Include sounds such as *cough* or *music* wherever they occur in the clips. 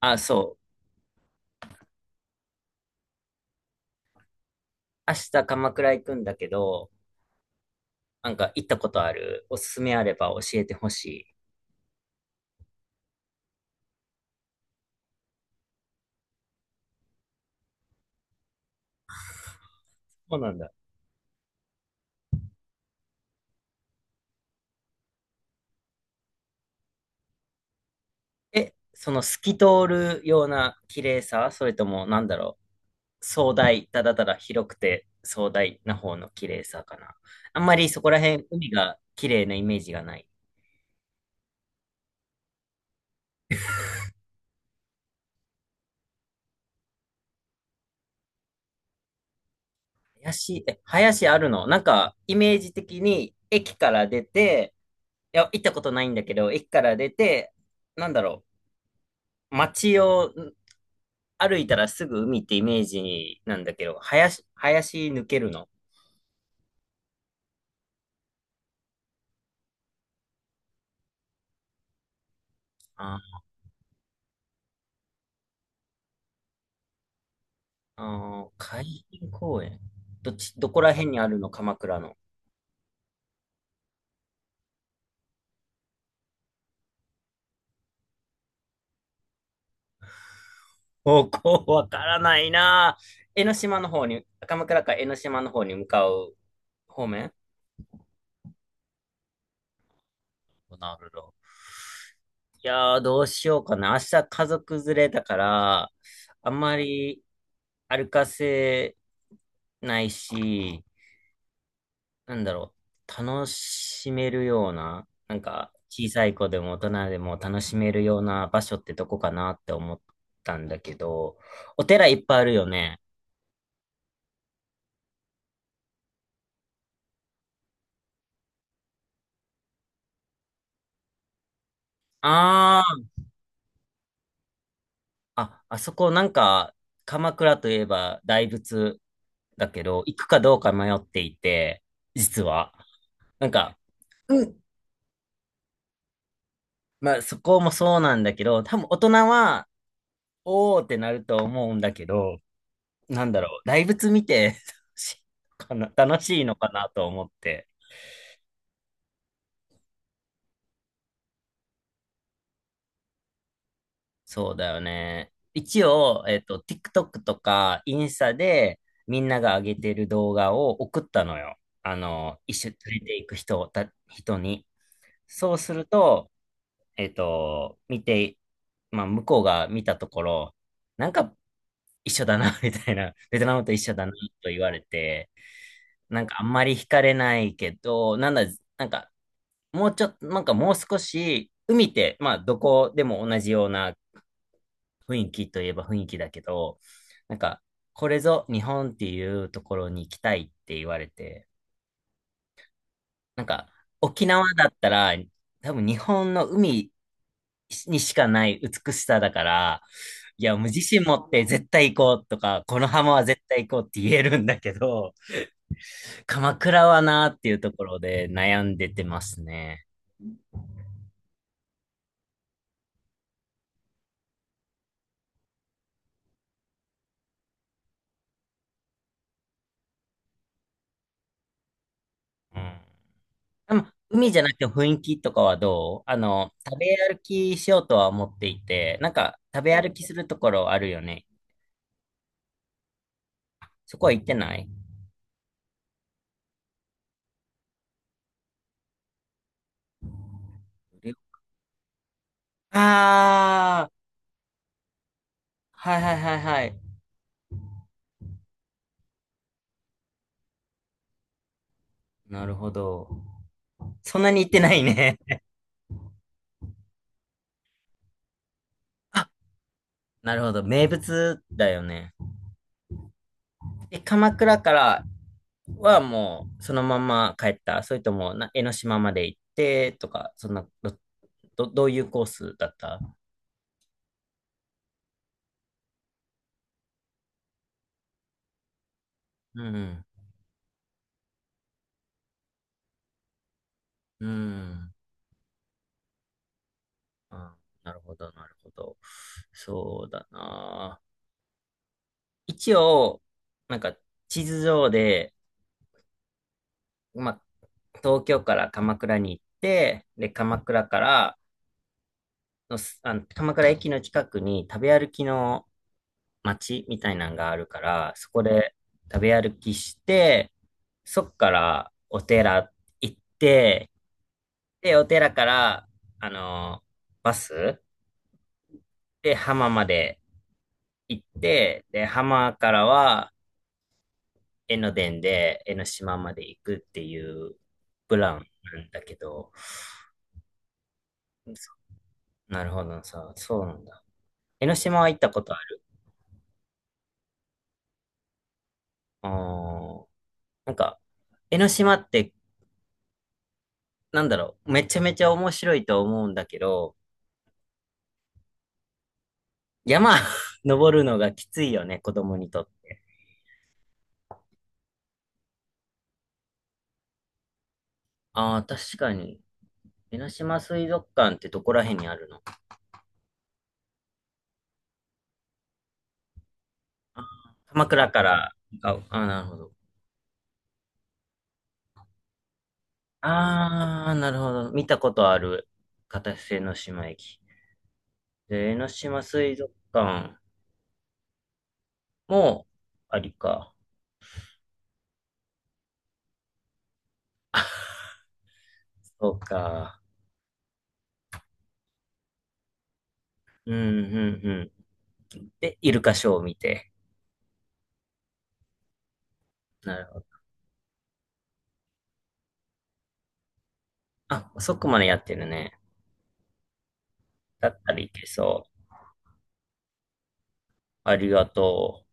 あ、そう。明日鎌倉行くんだけど、なんか行ったことある？おすすめあれば教えてほしい。そうなんだ。え、その透き通るような綺麗さ、それとも壮大、ただただ広くて壮大な方の綺麗さかな。あんまりそこら辺、海が綺麗なイメージがない。林、え、林あるの？なんか、イメージ的に駅から出て、いや、行ったことないんだけど、駅から出て、なんだろ街を歩いたらすぐ海ってイメージなんだけど、林抜けるの？あ、あー、海浜公園。どっち、どこら辺にあるの鎌倉の？方向わからないなぁ。江ノ島の方に、鎌倉か江ノ島の方に向かう方面？なるほど。いやー、どうしようかな。明日家族連れだから、あんまり歩かせないし、なんだろ楽しめるような、なんか小さい子でも大人でも楽しめるような場所ってどこかなって思ったんだけど、お寺いっぱいあるよね。ああ、あ、あそこなんか、鎌倉といえば大仏だけど、行くかどうか迷っていて、実は。なんか、うん、まあそこもそうなんだけど、多分大人は、おーってなると思うんだけど、大仏見て *laughs* 楽しいのかな、楽しいのかなと思って。そうだよね。一応、TikTok とかインスタでみんなが上げてる動画を送ったのよ。一緒に連れていく人をた、人に。そうすると、見て、まあ、向こうが見たところ、なんか一緒だな、*laughs* みたいな、ベトナムと一緒だな、と言われて、なんかあんまり惹かれないけど、なんかもうちょっと、なんかもう少し、海って、まあ、どこでも同じような雰囲気といえば雰囲気だけど、なんか、これぞ日本っていうところに行きたいって言われて、なんか、沖縄だったら、多分日本の海にしかない美しさだから、いや、もう自信持って絶対行こうとか、この浜は絶対行こうって言えるんだけど、鎌倉はなーっていうところで悩んでてますね。うん。でも海じゃなくて雰囲気とかはどうあの、食べ歩きしようとは思っていて、なんか食べ歩きするところあるよね。そこは行ってない？ああー、はいはいはいはい。なるほど。そんなに行ってないね。*laughs* あ、なるほど。名物だよね。で、鎌倉からはもうそのまま帰った？それともな江ノ島まで行ってとか、そんな、どういうコースだった？うん。うん。あー、なるほど、なるほど。そうだな。一応、なんか地図上で、まあ、東京から鎌倉に行って、で、鎌倉からあの、鎌倉駅の近くに食べ歩きの街みたいなのがあるから、そこで食べ歩きして、そっからお寺行って、で、お寺から、あの、バスで浜まで行って、で、浜からは、江ノ電で江ノ島まで行くっていうプランなんだけど、そなるほどさ、そうなんだ。江ノ島は行ったことある？あー、なんか、江ノ島って、なんだろう、めちゃめちゃ面白いと思うんだけど、山 *laughs* 登るのがきついよね、子供にとって。ああ、確かに。江ノ島水族館ってどこら辺にあるの？鎌倉から？あ、あ、なるほど。ああ、なるほど。見たことある。片瀬の島駅。で、江ノ島水族館もありか。そうか。うん、うん、うん。で、イルカショーを見て。なるほど。あ、そこまでやってるね。だったらいけそう。ありがと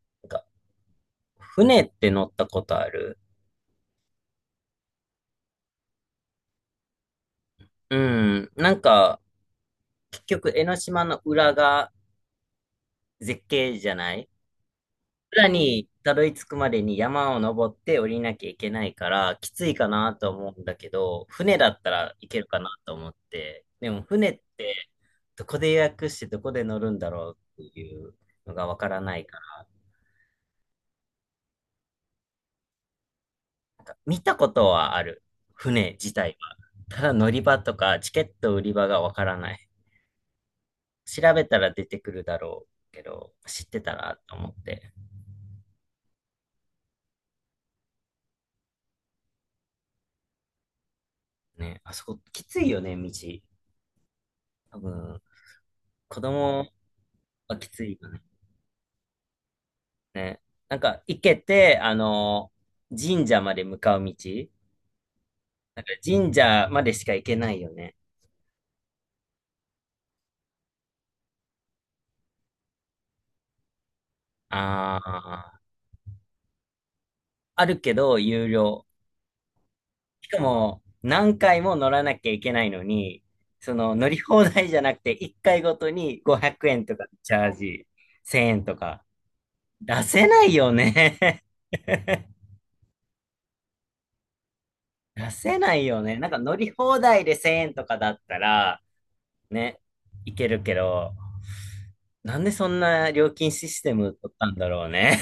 う。なんか、船って乗ったことある？うん。なんか、結局、江ノ島の裏が絶景じゃない村にたどり着くまでに山を登って降りなきゃいけないから、きついかなと思うんだけど、船だったらいけるかなと思って、でも船ってどこで予約してどこで乗るんだろうっていうのがわからないから、なんか見たことはある、船自体は。ただ乗り場とかチケット売り場がわからない。調べたら出てくるだろうけど、知ってたらと思って。ね、あそこきついよね、道。多分、子供はきついよね。ね。なんか、行けて、あの、神社まで向かう道、なんか神社までしか行けないよね。ああ、あるけど、有料。しかも、何回も乗らなきゃいけないのに、その、乗り放題じゃなくて、1回ごとに500円とかチャージ、1000円とか。出せないよね。*laughs* 出せないよね。なんか乗り放題で1000円とかだったら、ね、いけるけど、なんでそんな料金システム取ったんだろうね。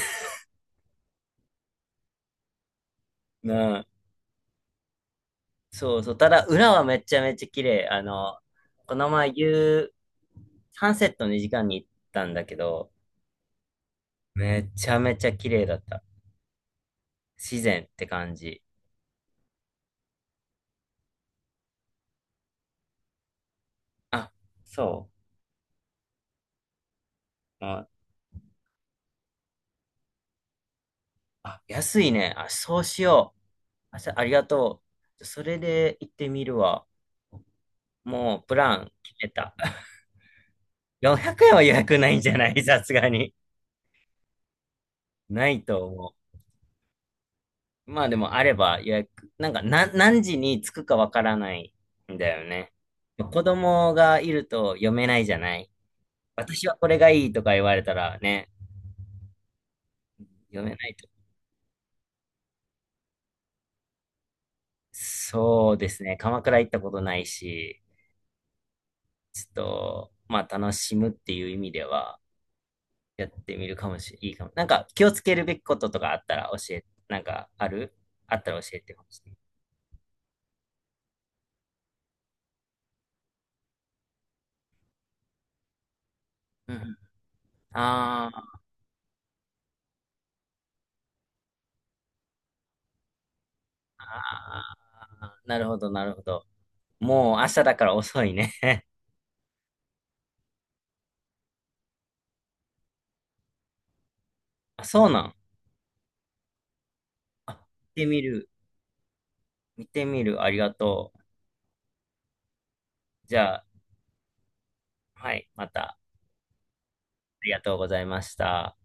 うん。そうそう。ただ、裏はめちゃめちゃ綺麗。あの、この前、サンセット2時間に行ったんだけど、めちゃめちゃ綺麗だった。自然って感じ。あ、そう。あ、安いね。あ、そうしよう。あ、ありがとう。それで行ってみるわ。もう、プラン決めた。*laughs* 400円は予約ないんじゃないさすがに。ないと思う。まあでもあれば予約、なんか何時に着くかわからないんだよね。子供がいると読めないじゃない。私はこれがいいとか言われたらね、読めないと。そうですね。鎌倉行ったことないし、ちょっと、まあ楽しむっていう意味ではやってみるかもしれないいかも。なんか気をつけるべきこととかあったらなんかあったら教えてほしい。うん。ああ、なるほど、なるほど。もう明日だから遅いね。*laughs* あ、そうなの？あ、見てみる。見てみる。ありがとう。じゃあ、はい。また、ありがとうございました。